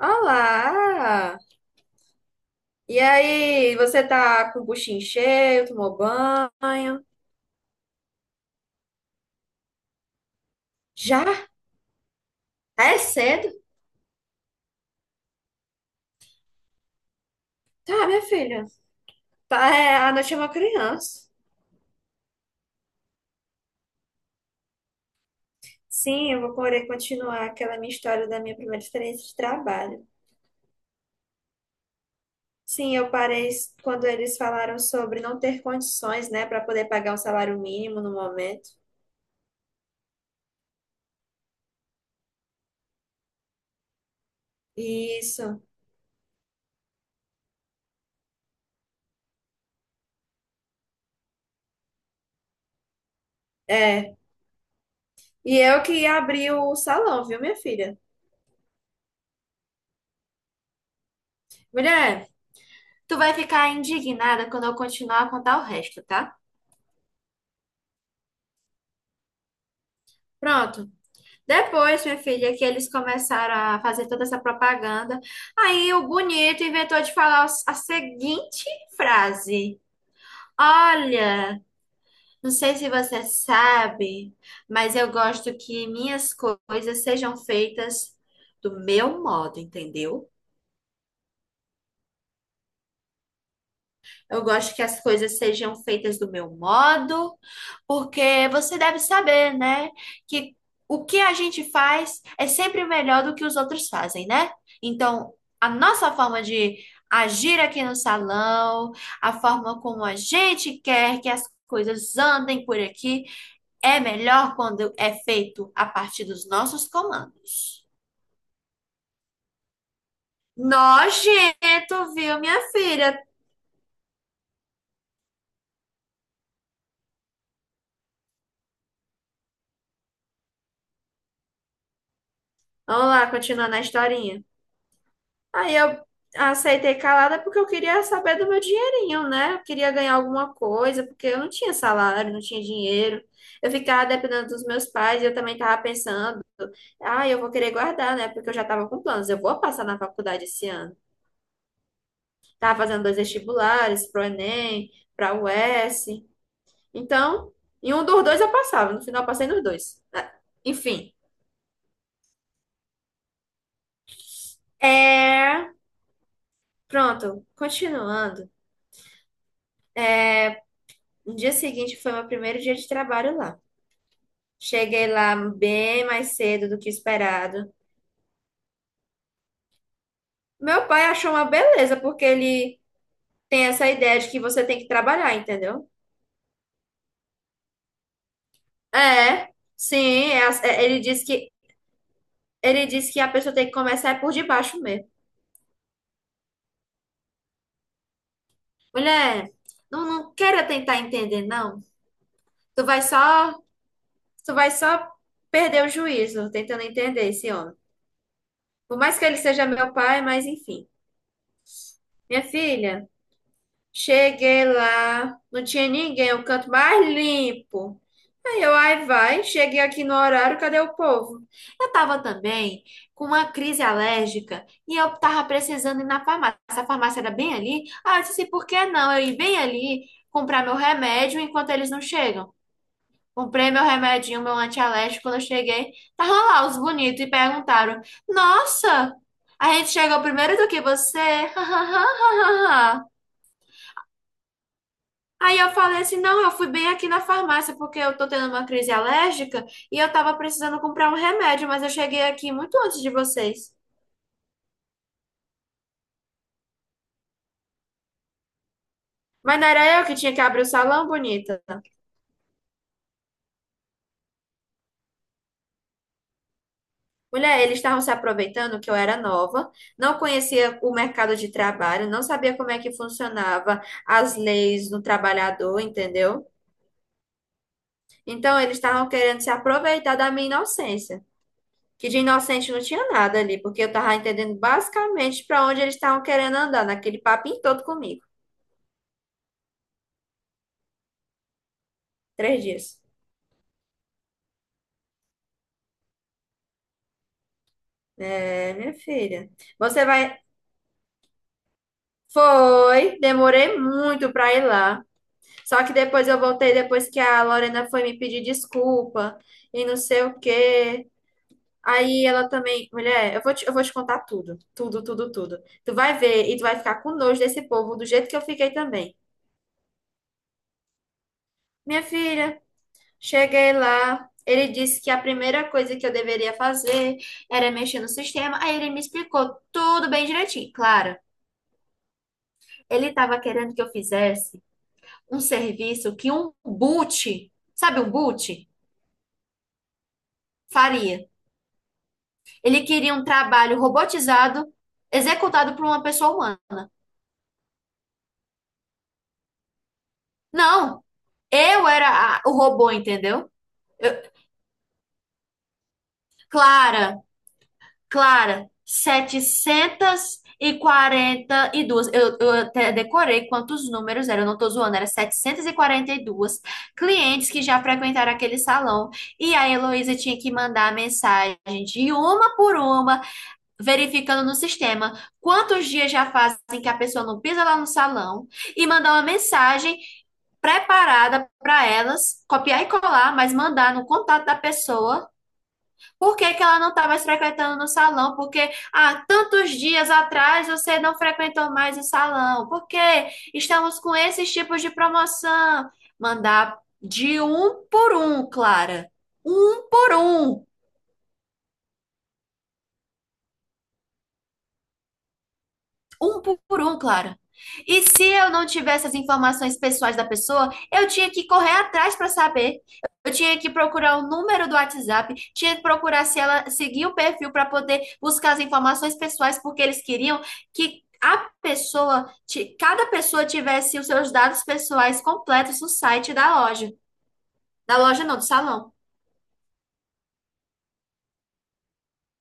Olá! E aí, você tá com o buchinho cheio, tomou banho? Já? É cedo? Tá, minha filha. Tá, é, a noite é uma criança. Sim, eu vou poder continuar aquela minha história da minha primeira experiência de trabalho. Sim, eu parei quando eles falaram sobre não ter condições, né, para poder pagar um salário mínimo no momento. Isso, é. E eu que abri o salão, viu, minha filha? Mulher. Tu vai ficar indignada quando eu continuar a contar o resto, tá? Pronto. Depois, minha filha, que eles começaram a fazer toda essa propaganda, aí o bonito inventou de falar a seguinte frase: Olha, não sei se você sabe, mas eu gosto que minhas coisas sejam feitas do meu modo, entendeu? Eu gosto que as coisas sejam feitas do meu modo. Porque você deve saber, né, que o que a gente faz é sempre melhor do que os outros fazem, né? Então, a nossa forma de agir aqui no salão, a forma como a gente quer que as coisas andem por aqui, é melhor quando é feito a partir dos nossos comandos. Nojento, viu, minha filha? Vamos lá, continuando a historinha. Aí eu aceitei calada porque eu queria saber do meu dinheirinho, né? Eu queria ganhar alguma coisa, porque eu não tinha salário, não tinha dinheiro. Eu ficava dependendo dos meus pais e eu também estava pensando, ah, eu vou querer guardar, né? Porque eu já estava com planos, eu vou passar na faculdade esse ano. Tava fazendo dois vestibulares, pro Enem, pra UES. Então, em um dos dois eu passava, no final eu passei nos dois. Ah, enfim, é... pronto, continuando. No dia seguinte foi meu primeiro dia de trabalho lá. Cheguei lá bem mais cedo do que esperado. Meu pai achou uma beleza, porque ele tem essa ideia de que você tem que trabalhar, entendeu? É, sim, ele disse que a pessoa tem que começar é por debaixo mesmo. Mulher, não, não queira tentar entender, não. Tu vai só, tu vai só perder o juízo tentando entender esse homem. Por mais que ele seja meu pai, mas enfim. Minha filha. Cheguei lá, não tinha ninguém, o canto mais limpo. Aí eu, ai vai, cheguei aqui no horário, cadê o povo? Eu tava também com uma crise alérgica e eu tava precisando ir na farmácia. A farmácia era bem ali. Ah, eu disse, por que não eu ir bem ali comprar meu remédio enquanto eles não chegam? Comprei meu remedinho, meu antialérgico. Quando eu cheguei, tava lá os bonitos e perguntaram: Nossa, a gente chegou primeiro do que você? Aí eu falei assim, não, eu fui bem aqui na farmácia porque eu tô tendo uma crise alérgica e eu tava precisando comprar um remédio, mas eu cheguei aqui muito antes de vocês. Mas não era eu que tinha que abrir o salão, bonita. Mulher, eles estavam se aproveitando que eu era nova, não conhecia o mercado de trabalho, não sabia como é que funcionava as leis do trabalhador, entendeu? Então eles estavam querendo se aproveitar da minha inocência. Que de inocente não tinha nada ali, porque eu tava entendendo basicamente para onde eles estavam querendo andar, naquele papinho todo comigo. Três dias. É, minha filha. Você vai. Foi, demorei muito para ir lá. Só que depois eu voltei depois que a Lorena foi me pedir desculpa e não sei o quê. Aí ela também, mulher, eu vou te contar tudo, tudo, tudo, tudo. Tu vai ver e tu vai ficar com nojo desse povo do jeito que eu fiquei também. Minha filha, cheguei lá, ele disse que a primeira coisa que eu deveria fazer era mexer no sistema. Aí ele me explicou tudo bem direitinho. Claro, ele estava querendo que eu fizesse um serviço que um boot, sabe um boot, faria. Ele queria um trabalho robotizado, executado por uma pessoa humana. Não, eu era o robô, entendeu? Eu, Clara, Clara, 742. Eu até decorei quantos números eram, eu não tô zoando, era 742 clientes que já frequentaram aquele salão. E a Heloísa tinha que mandar a mensagem de uma por uma, verificando no sistema quantos dias já fazem que a pessoa não pisa lá no salão, e mandar uma mensagem preparada para elas, copiar e colar, mas mandar no contato da pessoa por que que ela não está mais frequentando no salão? Porque há tantos dias atrás você não frequentou mais o salão. Por que estamos com esses tipos de promoção? Mandar de um por um, Clara. Um por um. Um por um, Clara. E se eu não tivesse as informações pessoais da pessoa, eu tinha que correr atrás para saber. Eu tinha que procurar o número do WhatsApp, tinha que procurar se ela seguia o perfil para poder buscar as informações pessoais, porque eles queriam que a pessoa, cada pessoa tivesse os seus dados pessoais completos no site da loja. Da loja não, do salão.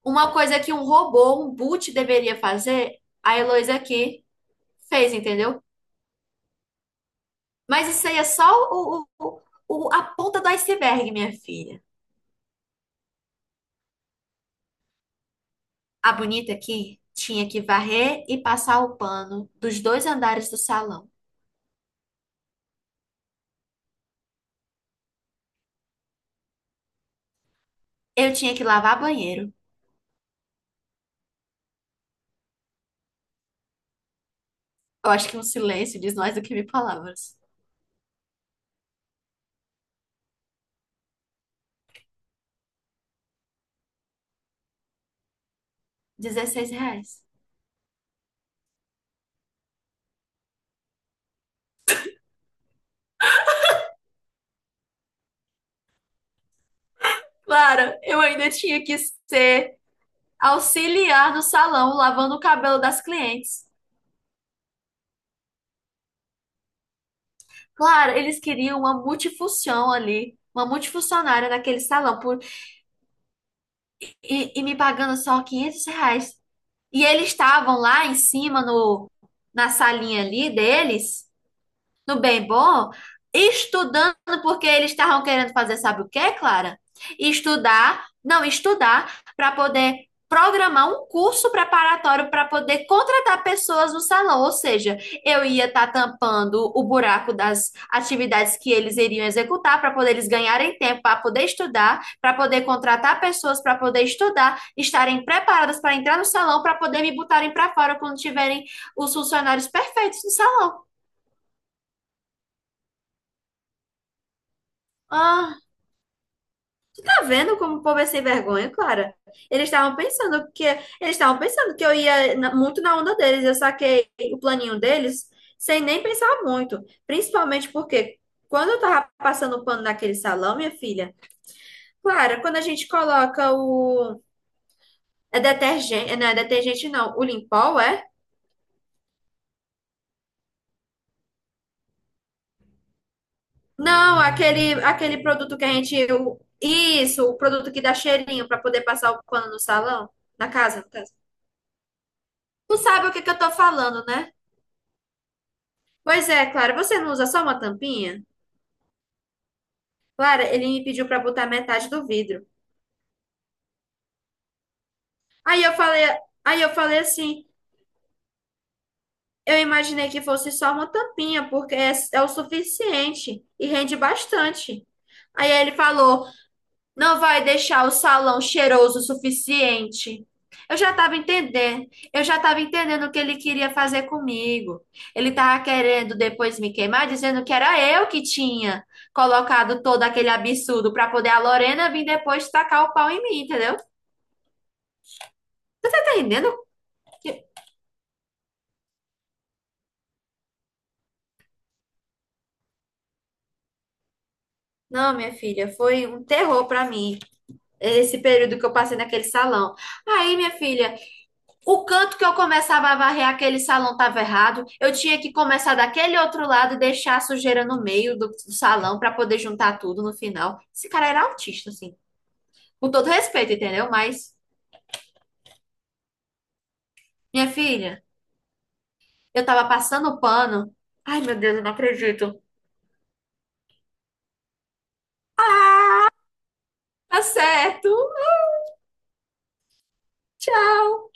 Uma coisa que um robô, um boot deveria fazer, a Heloísa aqui fez, entendeu? Mas isso aí é só o, o- a ponta do iceberg, minha filha. A bonita aqui tinha que varrer e passar o pano dos dois andares do salão. Eu tinha que lavar banheiro. Eu acho que um silêncio diz mais do que mil palavras. R$ 16. Clara, eu ainda tinha que ser auxiliar no salão, lavando o cabelo das clientes. Claro, eles queriam uma multifunção ali, uma multifuncionária naquele salão, e me pagando só R$ 500. E eles estavam lá em cima no, na salinha ali deles, no bem bom, estudando porque eles estavam querendo fazer, sabe o que, Clara? Estudar, não, estudar para poder programar um curso preparatório para poder contratar pessoas no salão, ou seja, eu ia estar tampando o buraco das atividades que eles iriam executar para poder eles ganharem tempo para poder estudar, para poder contratar pessoas para poder estudar, estarem preparadas para entrar no salão para poder me botarem para fora quando tiverem os funcionários perfeitos no salão. Ah. Tá vendo como o povo é sem vergonha, Clara? Eles estavam pensando que eu ia muito na onda deles. Eu saquei o planinho deles sem nem pensar muito, principalmente porque quando eu tava passando o pano naquele salão, minha filha, Clara, quando a gente coloca o é detergente não, o Limpol é? Não, aquele produto que a gente isso, o produto que dá cheirinho pra poder passar o pano no salão, na casa, no caso. Tu sabe o que que eu tô falando, né? Pois é, Clara, você não usa só uma tampinha? Clara, ele me pediu para botar metade do vidro. Aí eu falei, aí eu falei assim, eu imaginei que fosse só uma tampinha, porque é, é o suficiente e rende bastante. Aí ele falou, não vai deixar o salão cheiroso o suficiente. Eu já estava entendendo. Eu já estava entendendo o que ele queria fazer comigo. Ele estava querendo depois me queimar, dizendo que era eu que tinha colocado todo aquele absurdo para poder a Lorena vir depois tacar o pau em mim, entendeu? Tá entendendo? Não, minha filha, foi um terror para mim esse período que eu passei naquele salão. Aí, minha filha. O canto que eu começava a varrer aquele salão estava errado. Eu tinha que começar daquele outro lado e deixar a sujeira no meio do salão para poder juntar tudo no final. Esse cara era autista, assim. Com todo respeito, entendeu? Mas, minha filha, eu tava passando o pano. Ai, meu Deus, eu não acredito. Tá certo. Tchau.